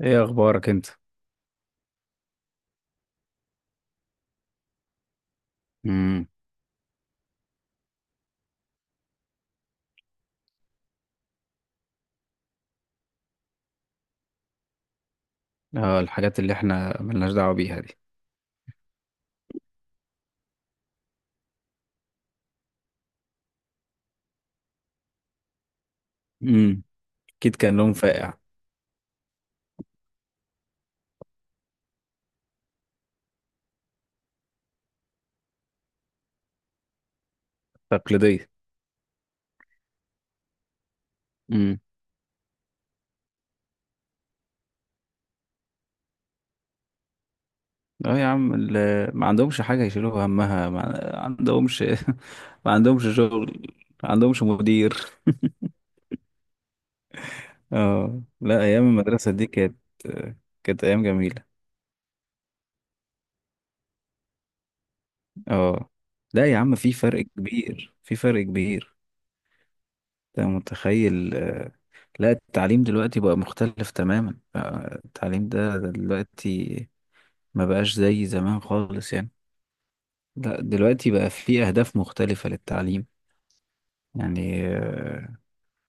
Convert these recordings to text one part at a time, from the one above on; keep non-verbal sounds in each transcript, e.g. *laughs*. ايه اخبارك انت؟ امم. اه، الحاجات اللي احنا ملناش دعوة بيها دي. امم. اكيد كان لهم فائع. تقليدية. امم. اه يا عم، ما عندهمش حاجة يشيلوها همها، ما عندهمش. *laughs* ما عندهمش شغل. ما عندهمش مدير. اه لا، ايام المدرسة دي كانت ايام جميلة. اه لا يا عم، في فرق كبير، في فرق كبير. انت متخيل. لا، التعليم دلوقتي بقى مختلف تماما، بقى التعليم ده دلوقتي ما بقاش زي زمان خالص يعني. لا، دلوقتي بقى في أهداف مختلفة للتعليم. يعني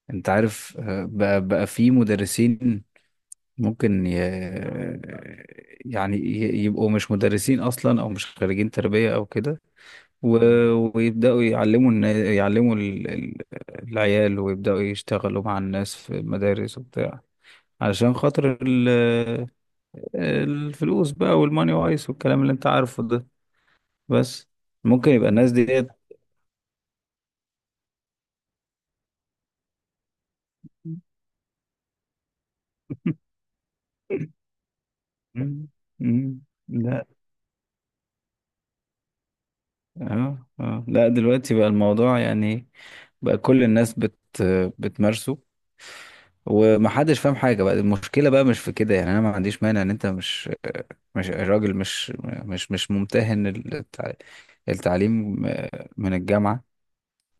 انت عارف بقى في مدرسين ممكن ي... يعني يبقوا مش مدرسين أصلا، أو مش خريجين تربية أو كده. و... ويبدأوا يعلموا يعلموا العيال، ويبدأوا يشتغلوا مع الناس في المدارس وبتاع، عشان خاطر الفلوس بقى، والماني وايس والكلام اللي انت عارفه ده، بس. ممكن يبقى الناس ديت. *laughs* مم. مم. لا اه اه، لا، دلوقتي بقى الموضوع يعني، بقى كل الناس بتمارسه، ومحدش فاهم حاجة. بقى المشكلة بقى مش في كده يعني. انا ما عنديش مانع ان انت مش مش راجل مش مش مش ممتهن التعليم من الجامعة،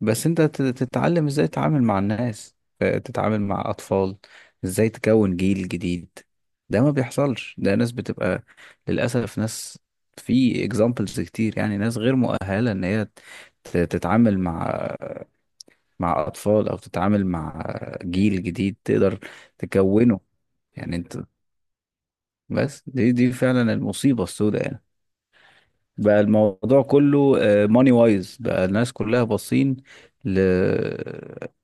بس انت تتعلم ازاي تتعامل مع الناس، تتعامل مع اطفال، ازاي تكون جيل جديد. ده ما بيحصلش. ده ناس بتبقى، للاسف، ناس في اكزامبلز كتير يعني، ناس غير مؤهلة ان هي تتعامل مع اطفال، او تتعامل مع جيل جديد تقدر تكونه. يعني انت، بس دي فعلا المصيبة السوداء يعني. بقى الموضوع كله ماني وايز، بقى الناس كلها باصين ل...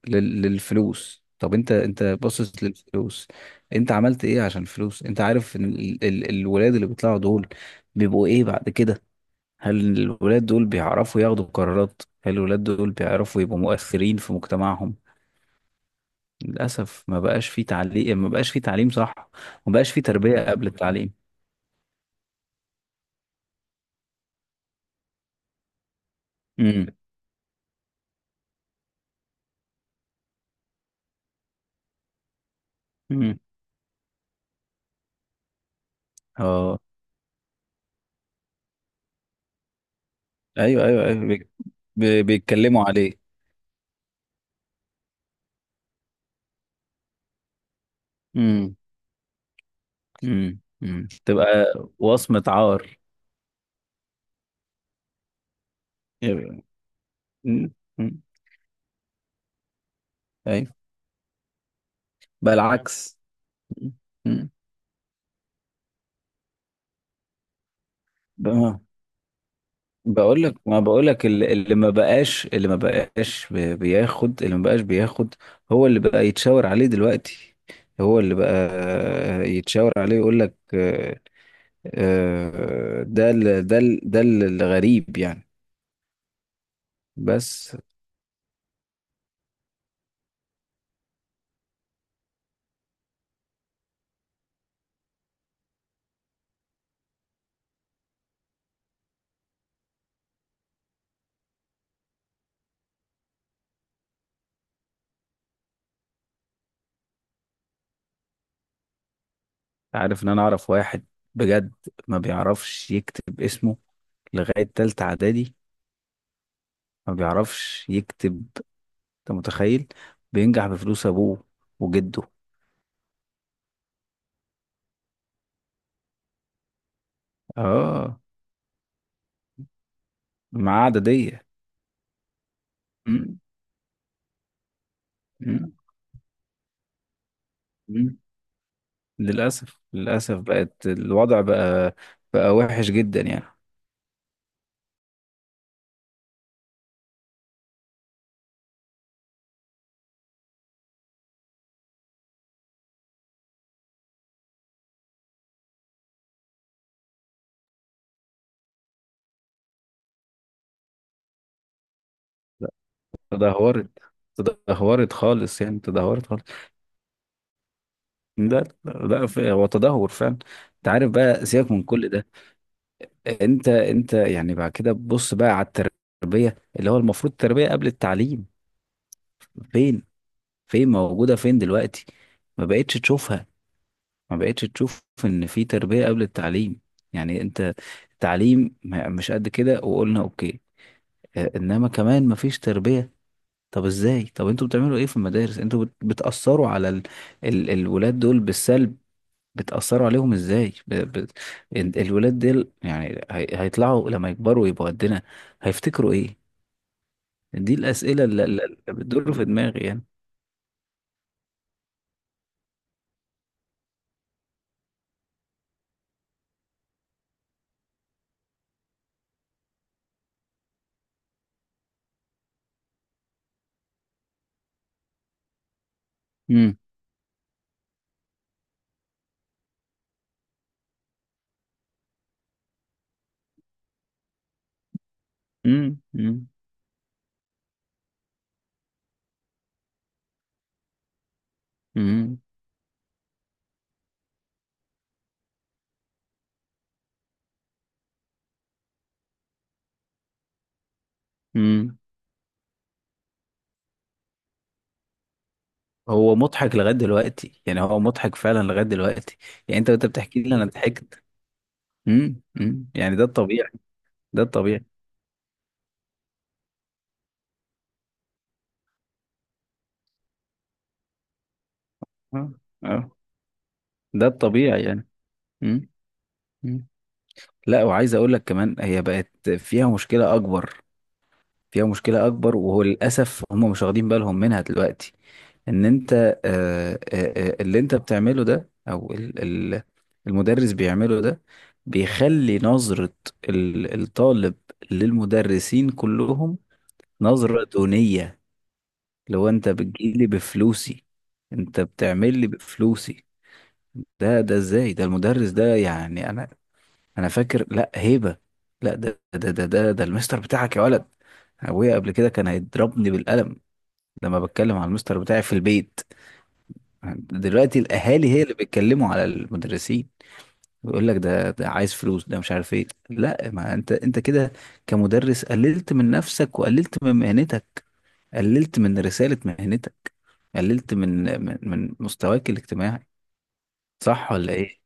للفلوس. طب انت باصص للفلوس، انت عملت ايه عشان الفلوس؟ انت عارف ان الولاد اللي بيطلعوا دول بيبقوا ايه بعد كده؟ هل الولاد دول بيعرفوا ياخدوا قرارات؟ هل الولاد دول بيعرفوا يبقوا مؤثرين في مجتمعهم؟ للاسف، ما بقاش في تعليم، ما بقاش في تعليم صح، ما بقاش في تربية قبل التعليم. امم. امم. اه ايوه ايوه ايوه، بيتكلموا عليه. امم. امم. امم. تبقى وصمة عار. يبقى- مم. مم. ايوه. بقى العكس. مم. مم. بقى- بقول لك، ما بقول لك، اللي ما بقاش، اللي ما بقاش بياخد، اللي ما بقاش بياخد هو اللي بقى يتشاور عليه دلوقتي، هو اللي بقى يتشاور عليه، يقول لك ده الغريب يعني. بس، عارف ان انا اعرف واحد، بجد، ما بيعرفش يكتب اسمه لغاية تالتة اعدادي. ما بيعرفش يكتب. انت متخيل؟ بينجح بفلوس ابوه وجده. اه، معاه عددية. مم. مم. مم. للأسف، للأسف، بقت الوضع بقى بقى وحش جدا يعني. تدهورت، تدهورت خالص يعني، تدهورت خالص. لا لا لا، هو تدهور فعلا. انت عارف، بقى سيبك من كل ده. انت يعني بعد كده بص بقى على التربيه، اللي هو المفروض التربيه قبل التعليم. فين، فين موجوده، فين دلوقتي؟ ما بقتش تشوفها، ما بقتش تشوف ان في تربيه قبل التعليم. يعني انت، التعليم مش قد كده، وقلنا اوكي، اه، انما كمان ما فيش تربيه. طب ازاي؟ طب انتوا بتعملوا ايه في المدارس؟ انتوا بتاثروا على الولاد دول بالسلب. بتأثروا عليهم ازاي الولاد دول، يعني هيطلعوا لما يكبروا يبقوا قدنا، هيفتكروا ايه؟ دي الأسئلة، اللي بتدور في دماغي يعني. مم. مم. مم. مم. مم. هو مضحك لغاية دلوقتي، يعني هو مضحك فعلا لغاية دلوقتي. يعني انت وانت بتحكي لي انا ضحكت. مم. مم. يعني ده الطبيعي، ده الطبيعي. اه اه. ده الطبيعي يعني. مم. مم. لا، وعايز اقول لك كمان هي بقت فيها مشكلة اكبر، فيها مشكلة أكبر، وهو للأسف هم مش واخدين بالهم منها دلوقتي. إن أنت اللي أنت بتعمله ده، أو ال- المدرس بيعمله ده، بيخلي نظرة الطالب للمدرسين كلهم نظرة دونية. لو أنت بتجيلي بفلوسي، أنت بتعمل لي بفلوسي، ده إزاي ده المدرس ده؟ يعني أنا فاكر. لأ، هيبة. لأ، ده المستر بتاعك يا ولد. أبويا قبل كده كان هيضربني بالقلم لما بتكلم على المستر بتاعي في البيت. دلوقتي الاهالي هي اللي بيتكلموا على المدرسين. يقول لك ده عايز فلوس، ده مش عارف ايه. لا، ما انت كده كمدرس قللت من نفسك، وقللت من مهنتك، قللت من رسالة مهنتك، قللت من مستواك الاجتماعي. صح ولا ايه؟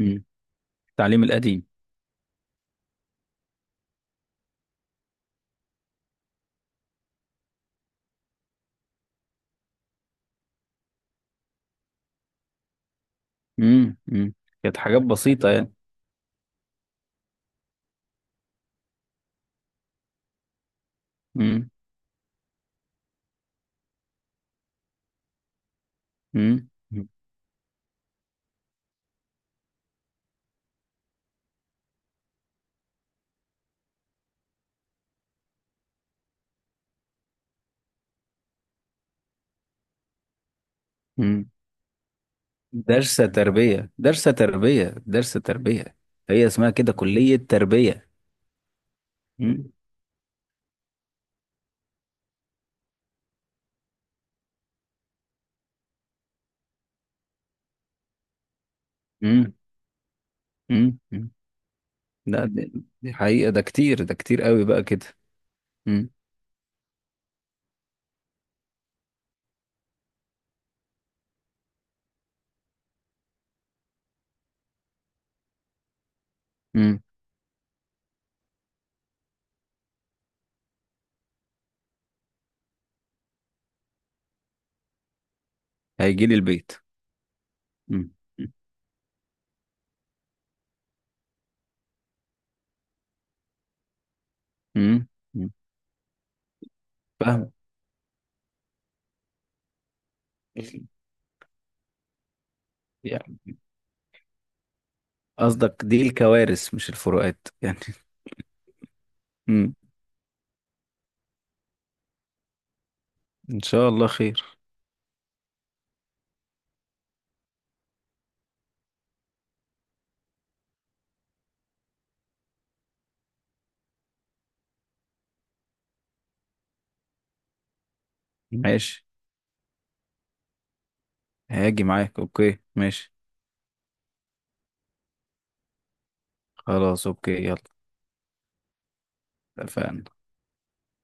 امم. التعليم القديم. امم. امم. كانت حاجات بسيطة يعني. امم. امم. امم. درس تربية، درس تربية، درس تربية، هي اسمها كده كلية تربية. مم. مم. مم. مم. لا، دي حقيقة. ده كتير، ده كتير قوي بقى كده. مم. مم. هيجي لي البيت. مم. مم. مم. فاهم. يعني قصدك دي الكوارث مش الفروقات يعني. مم. ان شاء الله خير. ماشي. هاجي معاك، اوكي ماشي. خلاص، اوكي، يلا. اتفقنا.